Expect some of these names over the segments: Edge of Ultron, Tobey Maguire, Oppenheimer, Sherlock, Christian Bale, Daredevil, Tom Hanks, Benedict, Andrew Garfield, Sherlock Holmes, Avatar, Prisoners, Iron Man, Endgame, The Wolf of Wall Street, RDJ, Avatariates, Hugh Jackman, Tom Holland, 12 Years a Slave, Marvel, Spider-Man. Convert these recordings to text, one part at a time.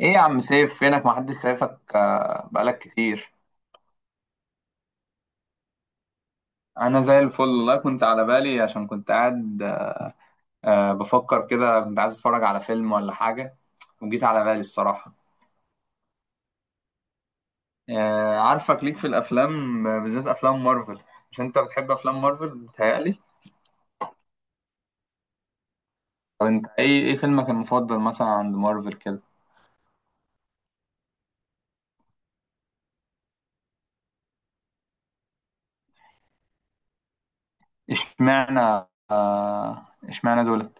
ايه يا عم سيف؟ فينك؟ محدش شايفك بقالك كتير. انا زي الفل والله، كنت على بالي عشان كنت قاعد بفكر كده، كنت عايز اتفرج على فيلم ولا حاجة، وجيت على بالي الصراحة. عارفك ليك في الافلام، بالذات افلام مارفل. مش انت بتحب افلام مارفل بتهيألي؟ طب انت ايه فيلمك المفضل مثلا عند مارفل كده؟ اشمعنى؟ اشمعنى دول؟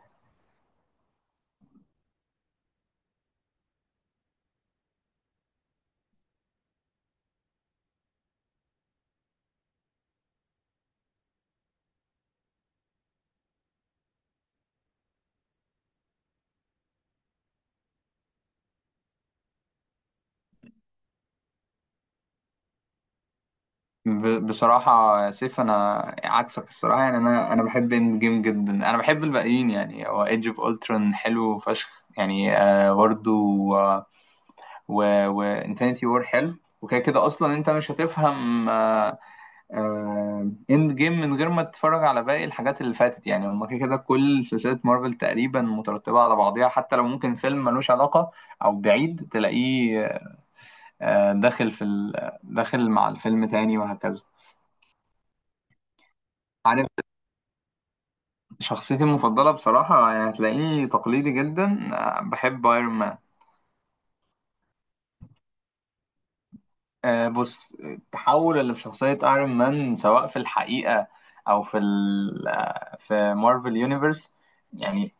بصراحة يا سيف، أنا عكسك الصراحة، يعني أنا بحب إند جيم جدا، أنا بحب الباقيين يعني، هو إيدج أوف أولترون حلو فشخ يعني، برضه. وإنفينيتي وور حلو. وكده كده أصلا أنت مش هتفهم إند جيم من غير ما تتفرج على باقي الحاجات اللي فاتت، يعني هما كده كده كل سلسلة مارفل تقريبا مترتبة على بعضيها، حتى لو ممكن فيلم ملوش علاقة أو بعيد تلاقيه داخل داخل مع الفيلم تاني وهكذا. عارف، شخصيتي المفضلة بصراحة يعني هتلاقيني تقليدي جدا، بحب ايرون مان. بص، التحول اللي في شخصية ايرون مان سواء في الحقيقة أو في ال آه، في مارفل يونيفرس يعني،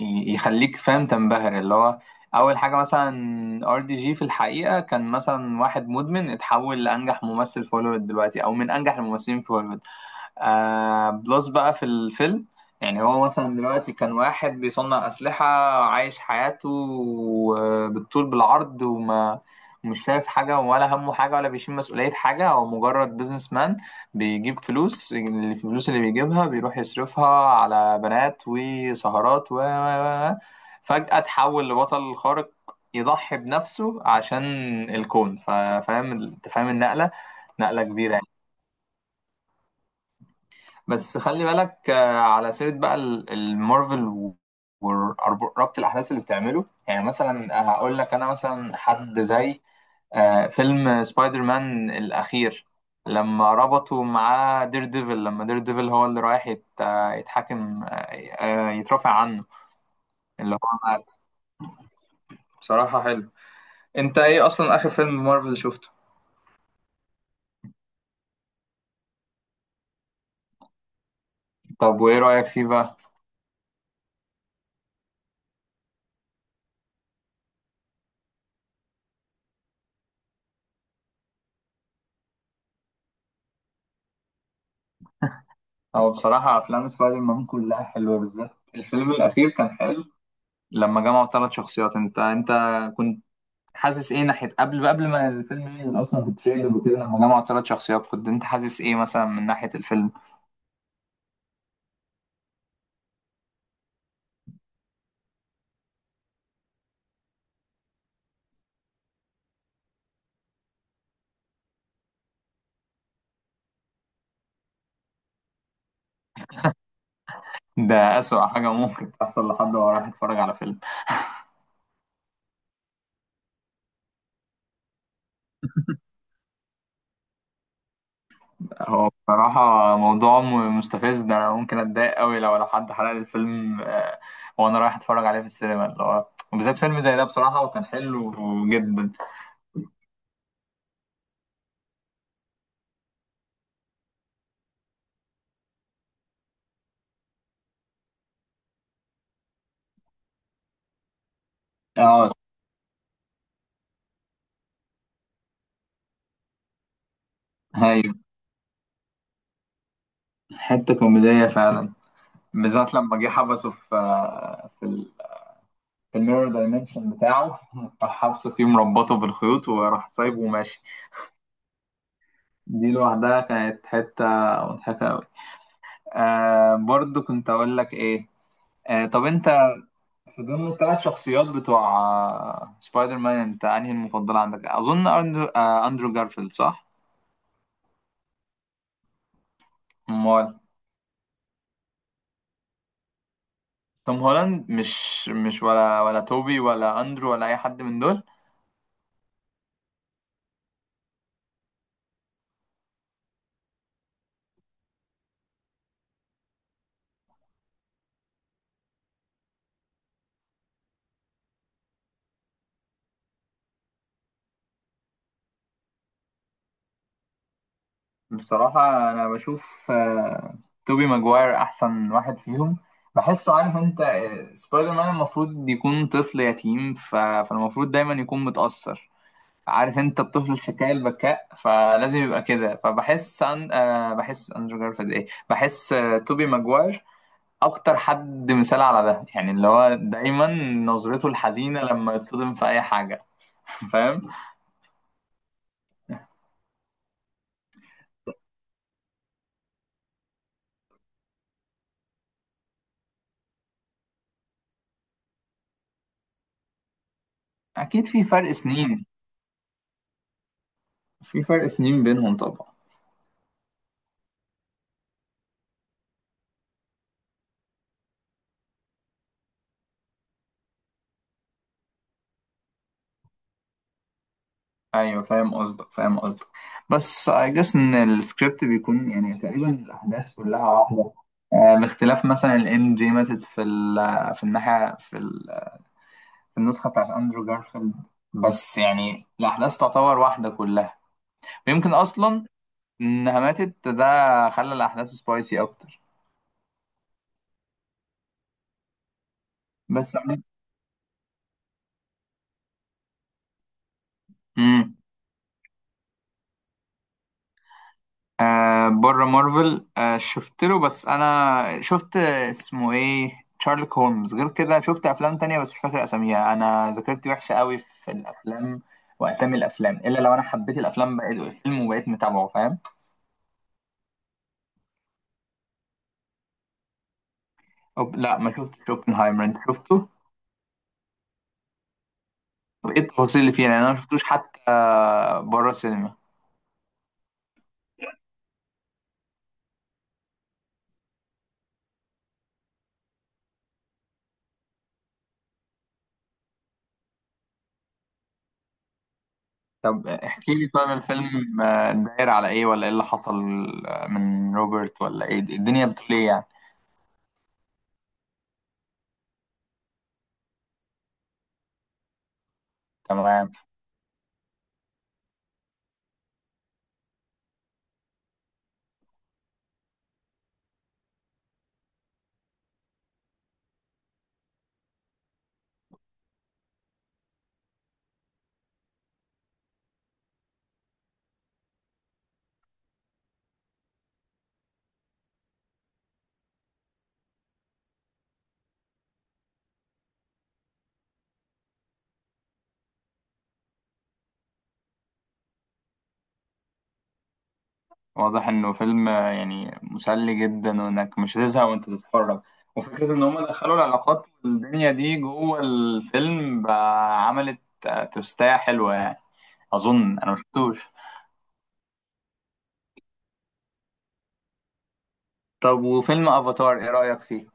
يخليك فاهم، تنبهر اللي هو اول حاجه مثلا RDJ في الحقيقه كان مثلا واحد مدمن اتحول لانجح ممثل في هوليوود دلوقتي، او من انجح الممثلين في هوليوود. بلس بقى في الفيلم، يعني هو مثلا دلوقتي كان واحد بيصنع اسلحه، عايش حياته بالطول بالعرض، وما مش شايف حاجه، ولا همه حاجه، ولا بيشيل مسؤوليه حاجه، هو مجرد بيزنس مان بيجيب فلوس، الفلوس اللي بيجيبها بيروح يصرفها على بنات وسهرات فجأة تحول لبطل خارق يضحي بنفسه عشان الكون. انت فاهم النقلة؟ نقلة كبيرة يعني. بس خلي بالك، على سيرة بقى المارفل وربط الأحداث اللي بتعمله، يعني مثلا هقول لك، أنا مثلا حد زي فيلم سبايدر مان الأخير، لما ربطوا معاه دير ديفل، لما دير ديفل هو اللي رايح يتحاكم يترافع عنه، اللي هو مات. بصراحة حلو. انت ايه اصلا اخر فيلم مارفل شفته؟ طب وايه رأيك فيه بقى؟ هو بصراحة افلام سبايدر مان كلها حلوة، بالذات الفيلم الأخير كان حلو، لما جمعوا ثلاث شخصيات. انت كنت حاسس ايه ناحية قبل ما الفيلم ينزل اصلا في التريلر وكده، لما جمعوا ثلاث شخصيات كنت انت حاسس ايه مثلا من ناحية الفيلم؟ ده أسوأ حاجة ممكن تحصل لحد وهو رايح يتفرج على فيلم. هو بصراحة موضوع مستفز ده، أنا ممكن أتضايق أوي لو حد حرق لي الفيلم، وأنا رايح أتفرج عليه في السينما اللي هو، وبالذات فيلم زي ده بصراحة وكان حلو جدا. اه. ايوه، حتة كوميدية فعلا. بالذات لما جه حبسه في آه، في ال- في الميرور دايمنشن بتاعه راح حبسه فيه مربطه بالخيوط وراح سايبه وماشي. دي لوحدها كانت حتة مضحكة أوي. برضو كنت أقول لك إيه. طب انت في ضمن الثلاث شخصيات بتوع سبايدر مان، انت انهي المفضل عندك؟ اظن اندرو, آه، أندرو جارفيلد، صح؟ امال. توم هولاند؟ مش ولا توبي ولا اندرو ولا اي حد من دول؟ بصراحة انا بشوف توبي ماجواير احسن واحد فيهم. بحسه، عارف انت، سبايدر مان المفروض يكون طفل يتيم، فالمفروض دايما يكون متأثر، عارف انت، الطفل الحكاية البكاء، فلازم يبقى كده، فبحس أن... آه بحس اندرو جارفيلد ايه بحس توبي ماجواير اكتر حد مثال على ده، يعني اللي هو دايما نظرته الحزينة لما يتصدم في اي حاجة. فاهم؟ اكيد في فرق سنين. في فرق سنين بينهم طبعا. ايوه، فاهم قصدك فاهم قصدك، بس I guess ان السكريبت بيكون، يعني تقريبا الاحداث كلها واحدة، باختلاف مثلا الام جي ماتت في الناحية، في النسخة بتاعت أندرو جارفيلد، بس يعني الأحداث تعتبر واحدة كلها، ويمكن أصلا إنها ماتت ده خلى الأحداث سبايسي أكتر. بس. امم. بره مارفل، شفت له، بس أنا شفت اسمه إيه شارلوك هولمز، غير كده شفت أفلام تانية بس مش فاكر أساميها، أنا ذاكرتي وحشة قوي في الأفلام وأسامي الأفلام، إلا لو أنا حبيت الأفلام بقيت الفيلم وبقيت متابعه، فاهم؟ لا، ما شفتش اوبنهايمر. أنت شفته؟ طب ايه التفاصيل اللي فيه، يعني انا ما شفتوش حتى، بره السينما. طب احكي لي، طيب الفيلم داير على ايه، ولا ايه اللي حصل من روبرت، ولا ايه الدنيا بتقول ايه يعني؟ تمام. واضح انه فيلم يعني مسلي جدا، وانك مش هتزهق وانت بتتفرج، وفكرة ان هم دخلوا العلاقات والدنيا دي جوه الفيلم بقى عملت توستاية حلوة يعني. اظن انا مشفتوش. طب وفيلم افاتار ايه رأيك فيه؟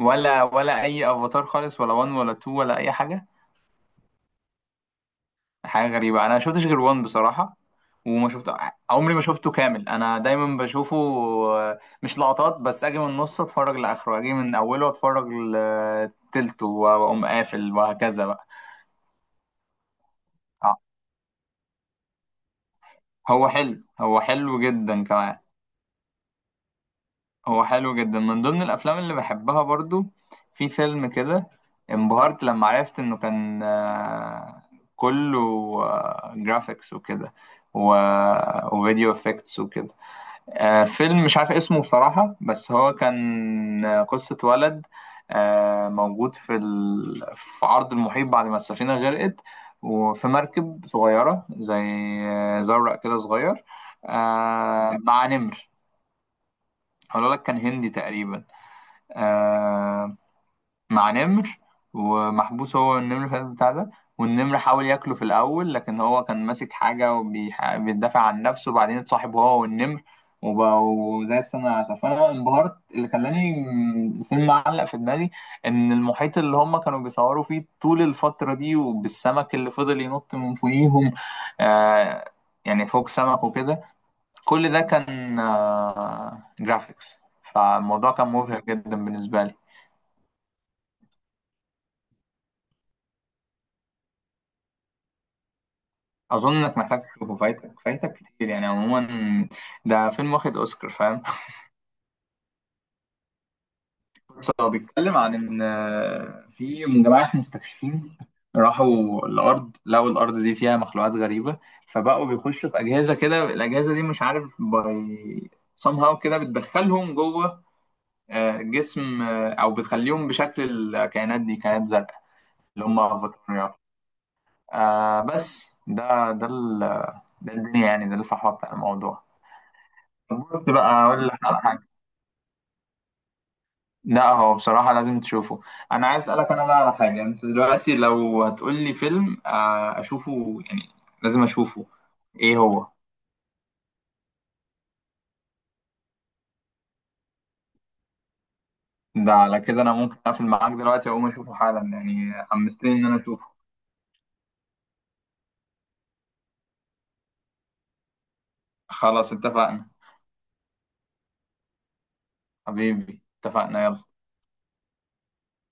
ولا اي افاتار خالص، ولا 1 ولا 2 ولا اي حاجة؟ حاجة غريبة، أنا شفتش غير وان بصراحة، وما شفت عمري ما شفته كامل، أنا دايما بشوفه، مش لقطات بس، أجي من نصه أتفرج لآخره، أجي من أوله أتفرج لتلته وأقوم قافل وهكذا بقى. آه، هو حلو، هو حلو جدا كمان، هو حلو جدا من ضمن الأفلام اللي بحبها برضو. في فيلم كده انبهرت لما عرفت إنه كان كله جرافيكس وكده و... وفيديو افكتس وكده. فيلم مش عارف اسمه بصراحة، بس هو كان قصة ولد موجود في عرض المحيط بعد ما السفينة غرقت، وفي مركب صغيرة، زي زورق كده صغير، مع نمر. هقول لك، كان هندي تقريبا، آه، مع نمر، ومحبوس هو النمر في القلب بتاع ده، والنمر حاول ياكله في الاول لكن هو كان ماسك حاجه وبيدافع عن نفسه، وبعدين اتصاحب هو والنمر وبقوا زي السنة العسل. فأنا انبهرت، اللي خلاني الفيلم معلق في دماغي إن المحيط اللي هم كانوا بيصوروا فيه طول الفترة دي، وبالسمك اللي فضل ينط من فوقيهم، آه يعني فوق سمك وكده، كل ده كان جرافيكس. فالموضوع كان مبهر جدا بالنسبة لي. اظن انك محتاج تشوفه، فايتك فايتك كتير يعني عموما، ده فيلم واخد اوسكار، فاهم؟ بس هو بيتكلم عن ان في جماعه مستكشفين راحوا الارض، لقوا الارض دي فيها مخلوقات غريبه، فبقوا بيخشوا في اجهزه كده، الاجهزه دي مش عارف باي somehow كده بتدخلهم جوه جسم، او بتخليهم بشكل الكائنات دي، كائنات زرقاء اللي هم افاتاريات، بس ده الدنيا يعني، ده الفحوى بتاع الموضوع. كنت بقى اقول لك على حاجه. لا، هو بصراحه لازم تشوفه. انا عايز اسالك انا بقى على حاجه، انت دلوقتي لو هتقول لي فيلم اشوفه، يعني لازم اشوفه، ايه هو؟ ده على كده انا ممكن اقفل معاك دلوقتي اقوم اشوفه حالا، يعني حمستني ان انا اشوفه. خلاص، اتفقنا. حبيبي، اتفقنا، يلا.